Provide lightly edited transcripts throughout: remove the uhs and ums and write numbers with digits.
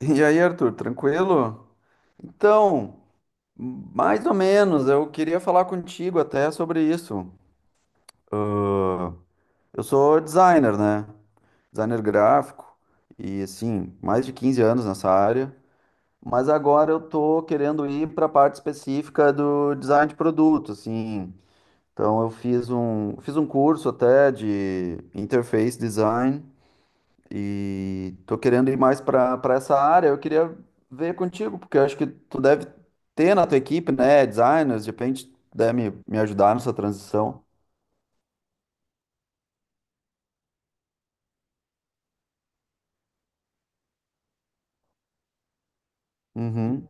E aí, Arthur, tranquilo? Então, mais ou menos, eu queria falar contigo até sobre isso. Ah, eu sou designer, né? Designer gráfico e assim, mais de 15 anos nessa área, mas agora eu tô querendo ir para a parte específica do design de produto, assim. Então, fiz um curso até de interface design. E tô querendo ir mais para essa área. Eu queria ver contigo, porque eu acho que tu deve ter na tua equipe, né, designers, de repente puder me ajudar nessa transição. Uhum,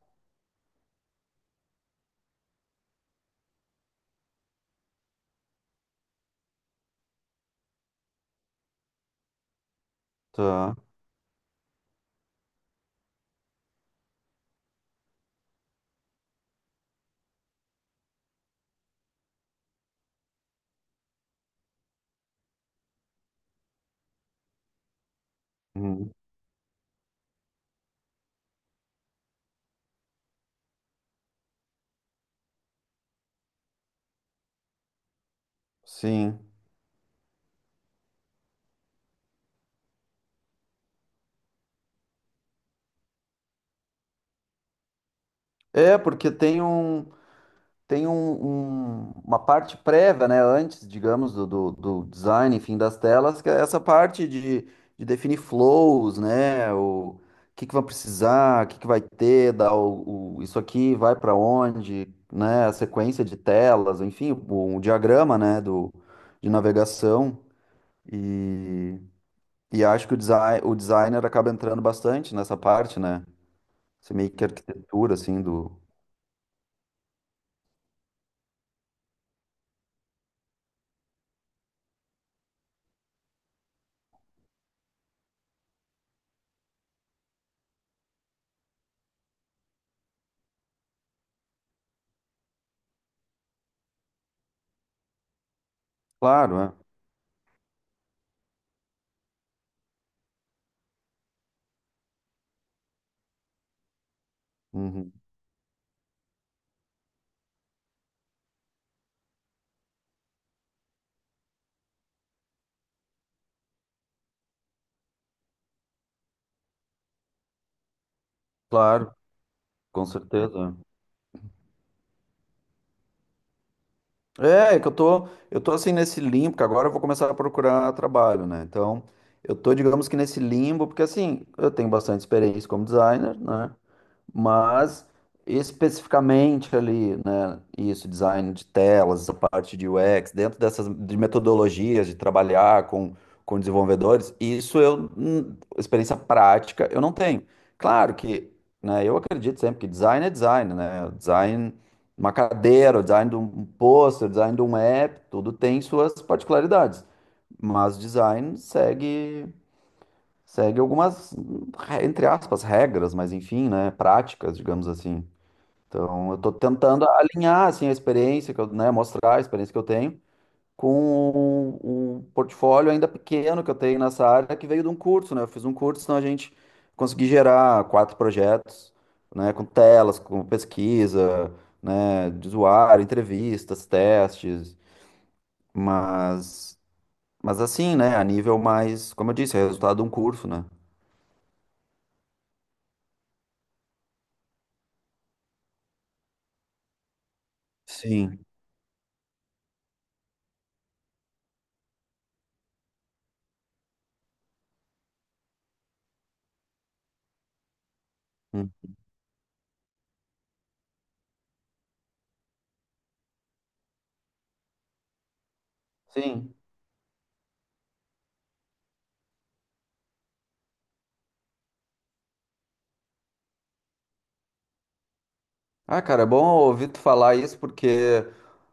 tá. Uhum, sim. É, porque uma parte prévia, né, antes, digamos, do design, enfim, das telas, que é essa parte de definir flows, né, o que vai precisar, o que vai ter, dar isso aqui vai para onde, né, a sequência de telas, enfim, o diagrama, né, do, de navegação e, e acho que design, o designer acaba entrando bastante nessa parte, né, essa meio que arquitetura, assim, do... Claro, é. Uhum. Claro, com certeza. É, é que eu tô assim nesse limbo, porque agora eu vou começar a procurar trabalho, né? Então, eu tô, digamos que nesse limbo, porque assim, eu tenho bastante experiência como designer, né? Mas especificamente ali, né, isso, design de telas, a parte de UX, dentro dessas de metodologias de trabalhar com desenvolvedores, isso eu experiência prática, eu não tenho. Claro que, né, eu acredito sempre que design é design, né? Design de uma cadeira, o design de um pôster, o design de um app, tudo tem suas particularidades. Mas design segue. Segue algumas, re- entre aspas, regras, mas enfim, né? Práticas, digamos assim. Então, eu tô tentando alinhar, assim, a experiência que eu, né, mostrar a experiência que eu tenho com o portfólio ainda pequeno que eu tenho nessa área, que veio de um curso, né? Eu fiz um curso, então a gente consegui gerar quatro projetos, né? Com telas, com pesquisa, né? De usuário, entrevistas, testes, mas, mas assim, né? A nível mais, como eu disse, é resultado de um curso, né? Sim. Sim. Ah, cara, é bom ouvir tu falar isso, porque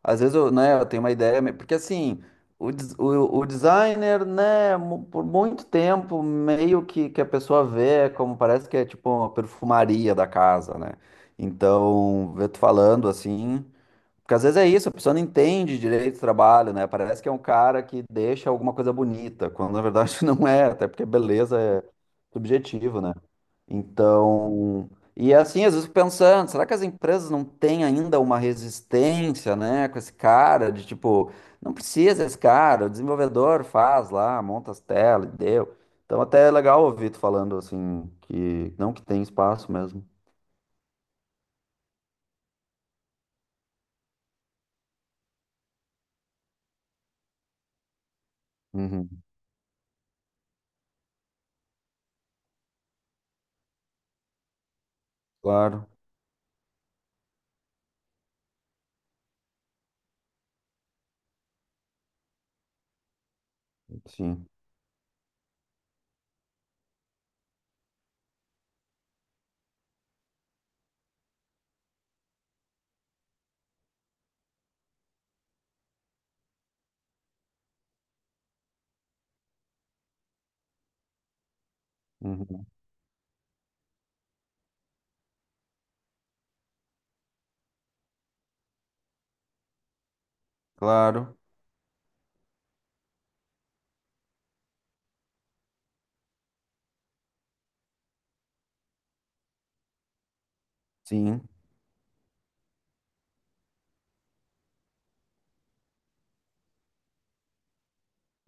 às vezes eu tenho uma ideia, me- porque assim, o designer, né, mu- por muito tempo, que a pessoa vê como parece que é tipo uma perfumaria da casa, né? Então, ver tu falando assim. Porque às vezes é isso, a pessoa não entende direito do trabalho, né? Parece que é um cara que deixa alguma coisa bonita, quando na verdade não é, até porque beleza é subjetivo, né? Então, e é assim, às vezes eu fico pensando, será que as empresas não têm ainda uma resistência, né, com esse cara de tipo, não precisa esse cara, o desenvolvedor faz lá, monta as telas, e deu. Então, até é legal ouvir tu falando assim que não, que tem espaço mesmo. Uhum. Claro, sim. Uhum. Claro. Sim,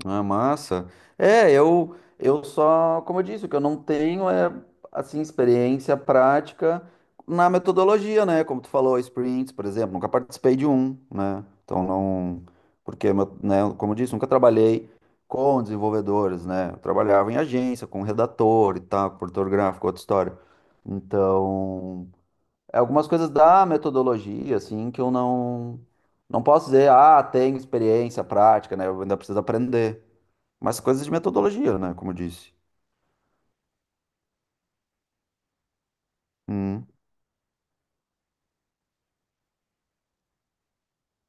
ah, massa. É, eu só, como eu disse, o que eu não tenho é assim experiência prática na metodologia, né? Como tu falou, sprints, por exemplo, nunca participei de um, né? Então não, porque meu- né, como eu disse, nunca trabalhei com desenvolvedores, né? Eu trabalhava em agência, com redator e tal, com produtor gráfico, outra história. Então, é algumas coisas da metodologia, assim, que eu não não posso dizer, ah, tenho experiência prática, né? Eu ainda preciso aprender. Mas coisas de metodologia, né? Como eu disse. Hum.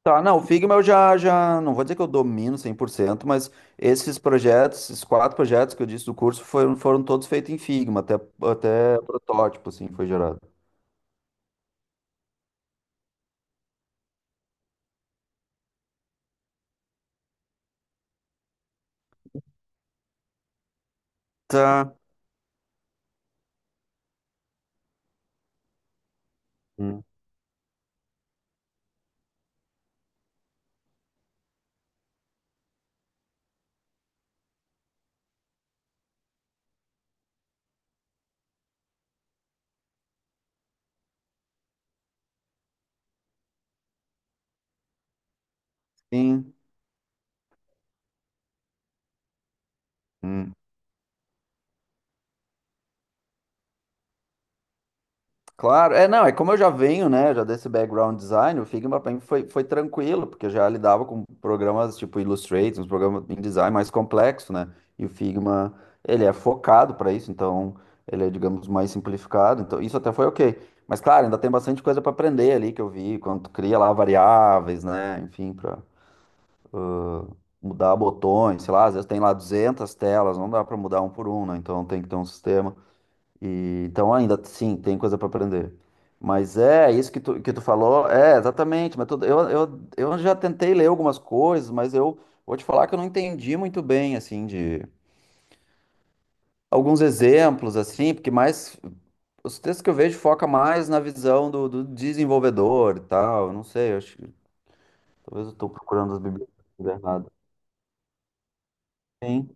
Tá, não, o Figma eu já, não vou dizer que eu domino cem por cento, mas esses projetos, esses quatro projetos que eu disse do curso foram todos feitos em Figma, até protótipo, assim, foi gerado. Tá. Hum. Sim. Hum. Claro, é, não, é como eu já venho, né, já desse background design, o Figma para mim foi tranquilo, porque eu já lidava com programas tipo Illustrator, uns programas em design mais complexo, né, e o Figma, ele é focado para isso, então ele é, digamos, mais simplificado, então isso até foi ok, mas claro, ainda tem bastante coisa para aprender ali que eu vi, quando tu cria lá variáveis, né, enfim, para mudar botões, sei lá, às vezes tem lá 200 telas, não dá para mudar um por um, né, então tem que ter um sistema. E, então ainda sim, tem coisa para aprender. Mas é isso que tu falou, é exatamente, mas tudo- eu já tentei ler algumas coisas, mas eu vou te falar que eu não entendi muito bem assim de alguns exemplos assim, porque mais os textos que eu vejo foca mais na visão do desenvolvedor e tal, eu não sei, eu acho que talvez eu estou procurando as bibliotecas erradas. Sim.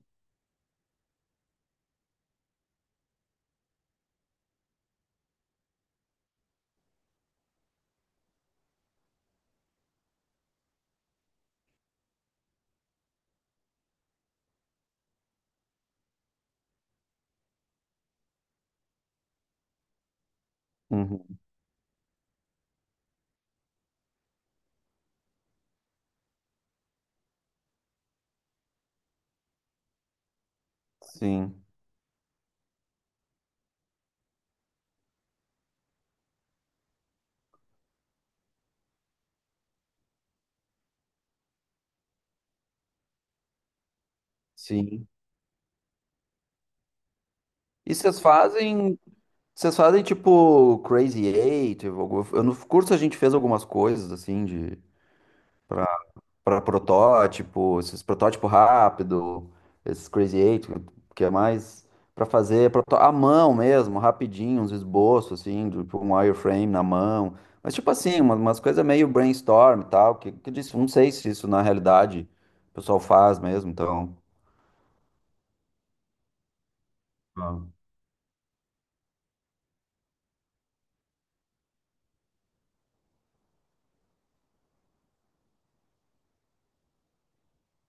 Uhum. Sim. Sim. E vocês fazem Vocês fazem tipo Crazy Eight? Algum- Eu no curso a gente fez algumas coisas assim de pra, pra protótipo, esses protótipo rápido, esses Crazy Eight, que é mais pra fazer proto- à mão mesmo, rapidinho, uns esboços assim, de- tipo um wireframe na mão. Mas tipo assim, uma- umas coisas meio brainstorm e tal, que eu disse, não sei se isso na realidade o pessoal faz mesmo, então. Ah.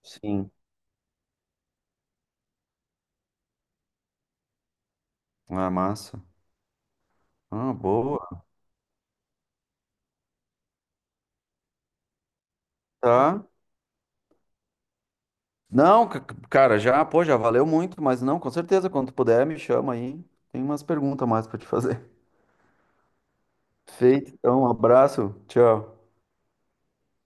Sim, é massa. Ah, boa. Tá. Não, ca- cara, já, pô, já valeu muito, mas não, com certeza, quando tu puder, me chama aí. Tem umas perguntas mais pra te fazer. Feito, então, um abraço, tchau.